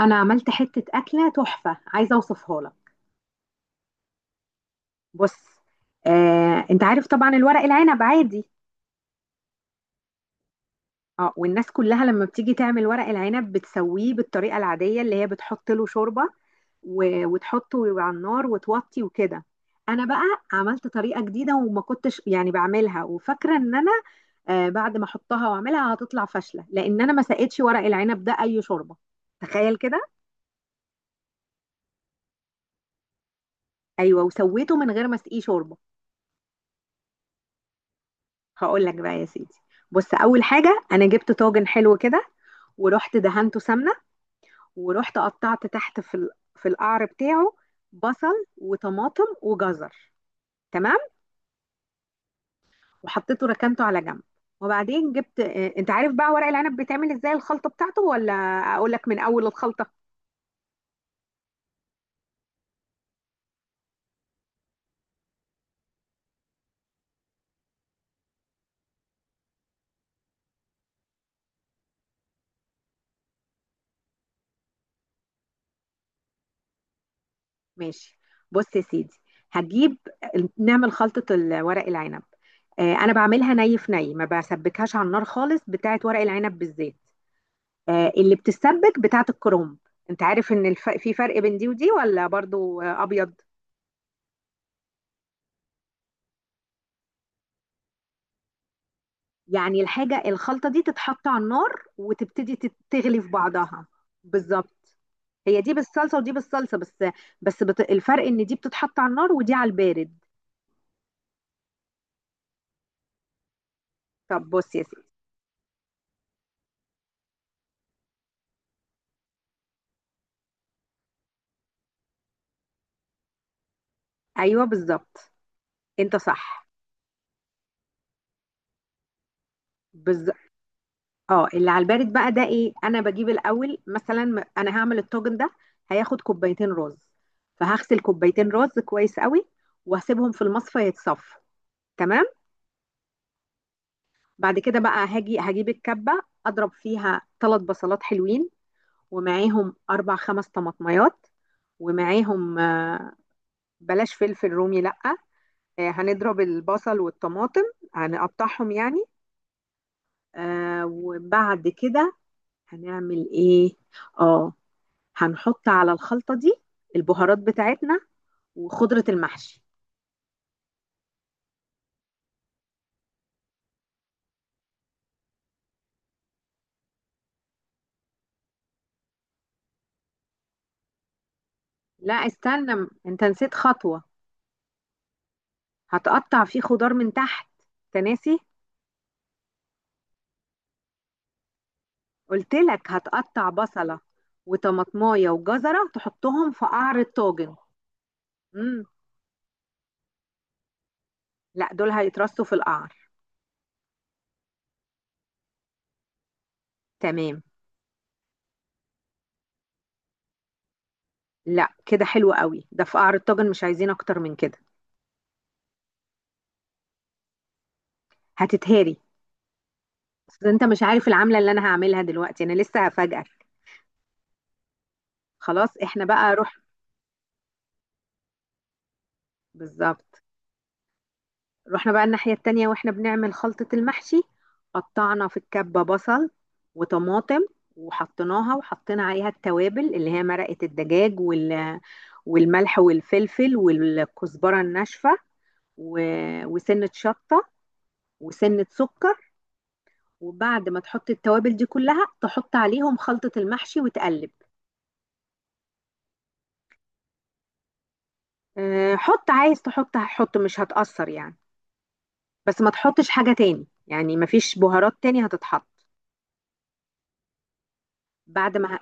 انا عملت حته اكله تحفه عايزه اوصفها لك. بص. انت عارف طبعا الورق العنب عادي. اه والناس كلها لما بتيجي تعمل ورق العنب بتسويه بالطريقه العاديه اللي هي بتحط له شوربه وتحطه على النار وتوطي وكده. انا بقى عملت طريقه جديده وما كنتش يعني بعملها وفاكره ان انا بعد ما احطها واعملها هتطلع فاشله لان انا ما سقيتش ورق العنب ده اي شوربه. تخيل كده. ايوه، وسويته من غير ما اسقيه شوربه. هقول لك بقى يا سيدي. بص، اول حاجه انا جبت طاجن حلو كده، ورحت دهنته سمنه، ورحت قطعت تحت في القعر بتاعه بصل وطماطم وجزر. تمام. وحطيته ركنته على جنب. وبعدين جبت. انت عارف بقى ورق العنب بيتعمل ازاي الخلطه بتاعته، ولا اقول لك من اول الخلطه؟ ماشي، بص يا سيدي، هجيب نعمل خلطه ورق العنب. انا بعملها ني في ني، ما بسبكهاش على النار خالص بتاعت ورق العنب بالزيت. اللي بتسبك بتاعت الكروم. انت عارف ان في فرق بين دي ودي، ولا برضو ابيض؟ يعني الحاجة الخلطة دي تتحط على النار وتبتدي تغلي في بعضها. بالظبط. هي دي بالصلصة ودي بالصلصة بس. بس الفرق ان دي بتتحط على النار ودي على البارد. طب بص يا سيدي. ايوه بالظبط، انت صح. بز... اه، اللي على البارد بقى ده ايه، انا بجيب الاول انا هعمل الطاجن ده. هياخد كوبايتين رز، فهغسل كوبايتين رز كويس قوي، وهسيبهم في المصفى يتصفوا. تمام. بعد كده بقى هاجي هجيب الكبه، اضرب فيها ثلاث بصلات حلوين، ومعاهم اربع خمس طماطميات، ومعاهم. بلاش فلفل رومي لا. هنضرب البصل والطماطم، هنقطعهم يعني. وبعد كده هنعمل ايه. اه، هنحط على الخلطة دي البهارات بتاعتنا وخضرة المحشي. لا استنى، انت نسيت خطوة. هتقطع فيه خضار من تحت. انت ناسي. قلت لك هتقطع بصلة وطماطماية وجزرة تحطهم في قعر الطاجن. امم. لا، دول هيترصوا في القعر. تمام. لا كده حلو قوي، ده في قعر الطاجن مش عايزين اكتر من كده. هتتهري. اصل انت مش عارف العملة اللي انا هعملها دلوقتي، انا لسه هفاجئك. خلاص، احنا بقى روح. بالظبط. رحنا بقى الناحية التانية واحنا بنعمل خلطة المحشي. قطعنا في الكبة بصل وطماطم، وحطيناها وحطينا عليها التوابل اللي هي مرقة الدجاج وال... والملح والفلفل والكزبرة الناشفة و... وسنة شطة وسنة سكر. وبعد ما تحط التوابل دي كلها، تحط عليهم خلطة المحشي وتقلب. حط، عايز تحط هحط، مش هتأثر يعني. بس ما تحطش حاجة تاني، يعني ما فيش بهارات تاني هتتحط. بعد ما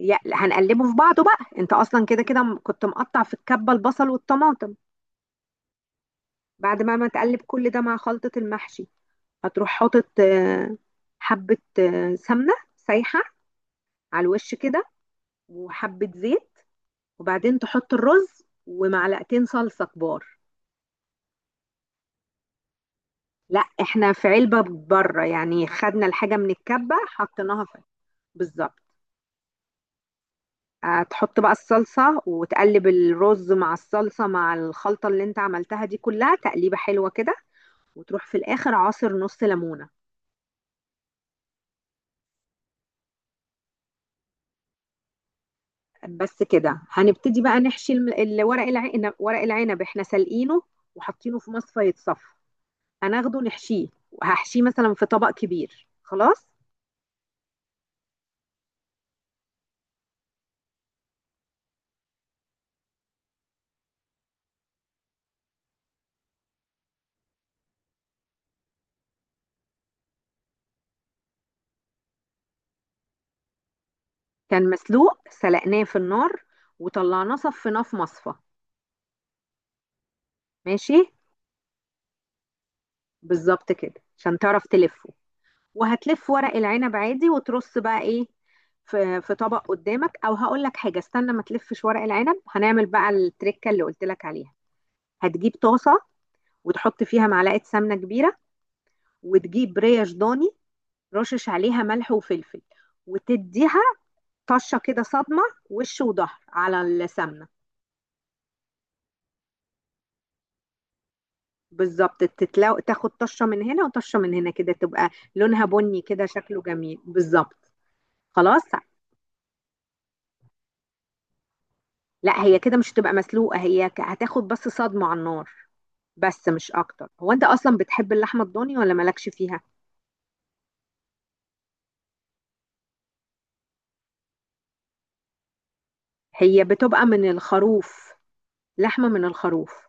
هنقلبه في بعضه. بقى انت اصلا كده كده كنت مقطع في الكبه البصل والطماطم. بعد ما ما تقلب كل ده مع خلطه المحشي، هتروح حاطط حبه سمنه سايحه على الوش كده، وحبه زيت. وبعدين تحط الرز ومعلقتين صلصه كبار. لا، احنا في علبه بره، يعني خدنا الحاجه من الكبه حطيناها في. بالظبط. هتحط بقى الصلصة وتقلب الرز مع الصلصة مع الخلطة اللي انت عملتها دي كلها، تقليبة حلوة كده، وتروح في الآخر عصر نص ليمونة. بس كده هنبتدي بقى نحشي ورق العنب. ورق العنب احنا سلقينه وحاطينه في مصفى يتصفى. هناخده نحشيه، وهحشيه مثلا في طبق كبير خلاص. كان مسلوق سلقناه في النار وطلعناه صفيناه في مصفى. ماشي. بالظبط كده عشان تعرف تلفه. وهتلف ورق العنب عادي وترص بقى ايه في في طبق قدامك. او هقول لك حاجه، استنى ما تلفش ورق العنب، هنعمل بقى التركه اللي قلت لك عليها. هتجيب طاسه وتحط فيها معلقه سمنه كبيره، وتجيب ريش ضاني، رشش عليها ملح وفلفل، وتديها طشه كده، صدمه، وش وظهر على السمنه. بالظبط، تاخد طشه من هنا وطشه من هنا كده، تبقى لونها بني كده شكله جميل. بالظبط. خلاص. لا، هي كده مش هتبقى مسلوقة، هي هتاخد بس صدمة على النار بس مش اكتر. هو انت اصلا بتحب اللحمة الضاني ولا مالكش فيها؟ هي بتبقى من الخروف، لحمة من الخروف.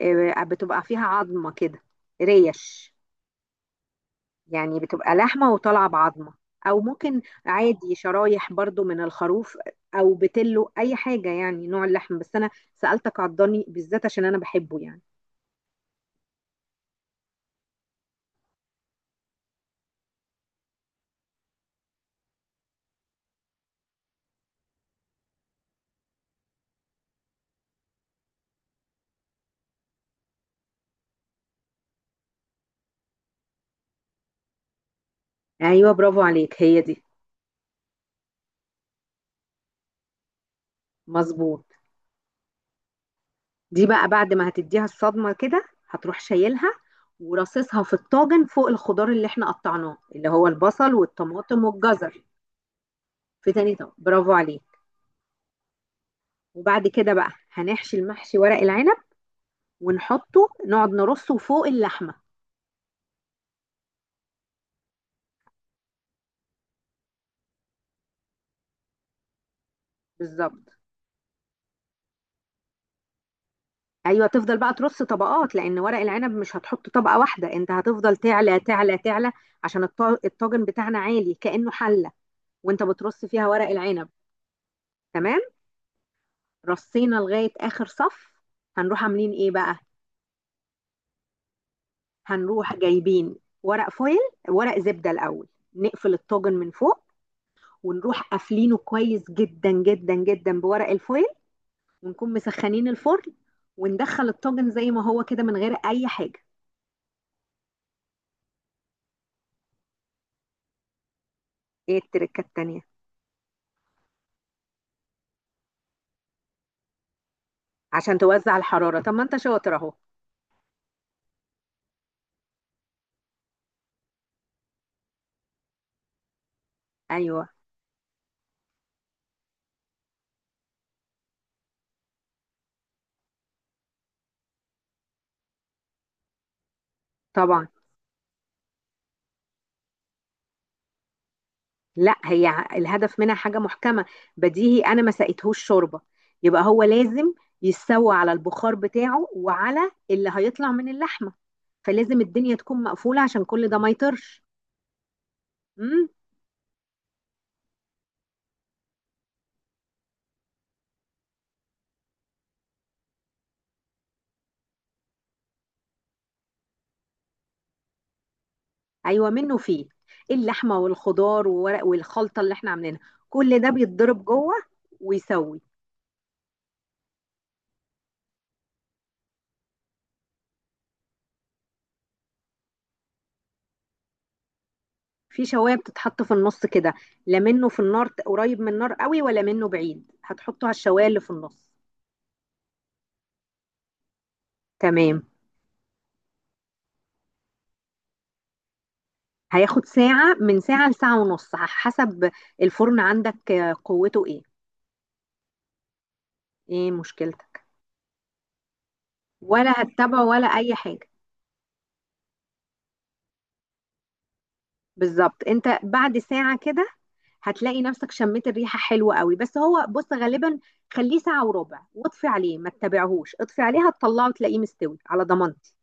بتبقى فيها عظمة كده، ريش، يعني بتبقى لحمة وطالعة بعظمة. او ممكن عادي شرايح برضو من الخروف، او بتلو اي حاجة، يعني نوع اللحم، بس انا سألتك على الضاني بالذات عشان انا بحبه يعني. ايوه برافو عليك، هي دي. مظبوط. دي بقى بعد ما هتديها الصدمة كده، هتروح شايلها ورصصها في الطاجن فوق الخضار اللي احنا قطعناه، اللي هو البصل والطماطم والجزر. في تاني طبق، برافو عليك. وبعد كده بقى هنحشي المحشي ورق العنب، ونحطه نقعد نرصه فوق اللحمة. بالظبط. ايوه تفضل بقى ترص طبقات، لان ورق العنب مش هتحط طبقة واحدة، انت هتفضل تعلى تعلى تعلى عشان الطاجن بتاعنا عالي كأنه حلة، وانت بترص فيها ورق العنب. تمام. رصينا لغاية اخر صف، هنروح عاملين ايه بقى؟ هنروح جايبين ورق فويل، ورق زبدة الأول نقفل الطاجن من فوق. ونروح قافلينه كويس جدا جدا جدا بورق الفويل، ونكون مسخنين الفرن، وندخل الطاجن زي ما هو كده من غير أي حاجة. ايه التركة التانية؟ عشان توزع الحرارة، طب ما انت شاطر اهو. ايوه طبعا. لا، هي الهدف منها حاجة محكمة. بديهي أنا ما سقيتهوش شوربة، يبقى هو لازم يستوي على البخار بتاعه وعلى اللي هيطلع من اللحمة، فلازم الدنيا تكون مقفولة عشان كل ده ما يطرش. امم. أيوة منه فيه. اللحمة والخضار وورق والخلطة اللي احنا عاملينها، كل ده بيتضرب جوه ويسوي. في شواية بتتحط في النص كده، لا منه في النار قريب من النار قوي ولا منه بعيد، هتحطه على الشواية اللي في النص. تمام. هياخد ساعة، من ساعة لساعة ونص على حسب الفرن عندك قوته ايه. ايه مشكلتك؟ ولا هتتبعه ولا اي حاجة. بالظبط، انت بعد ساعة كده هتلاقي نفسك شميت الريحة حلوة قوي. بس هو بص غالبا خليه ساعة وربع واطفي عليه، ما تتابعهوش، اطفي عليه، هتطلعه تلاقيه مستوي على ضمانتي.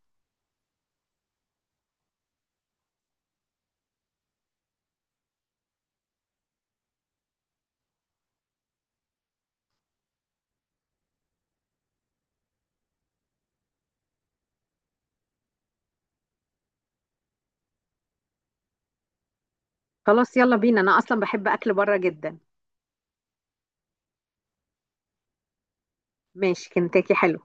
خلاص يلا بينا، انا اصلا بحب اكل بره جدا. ماشي كنتاكي حلو.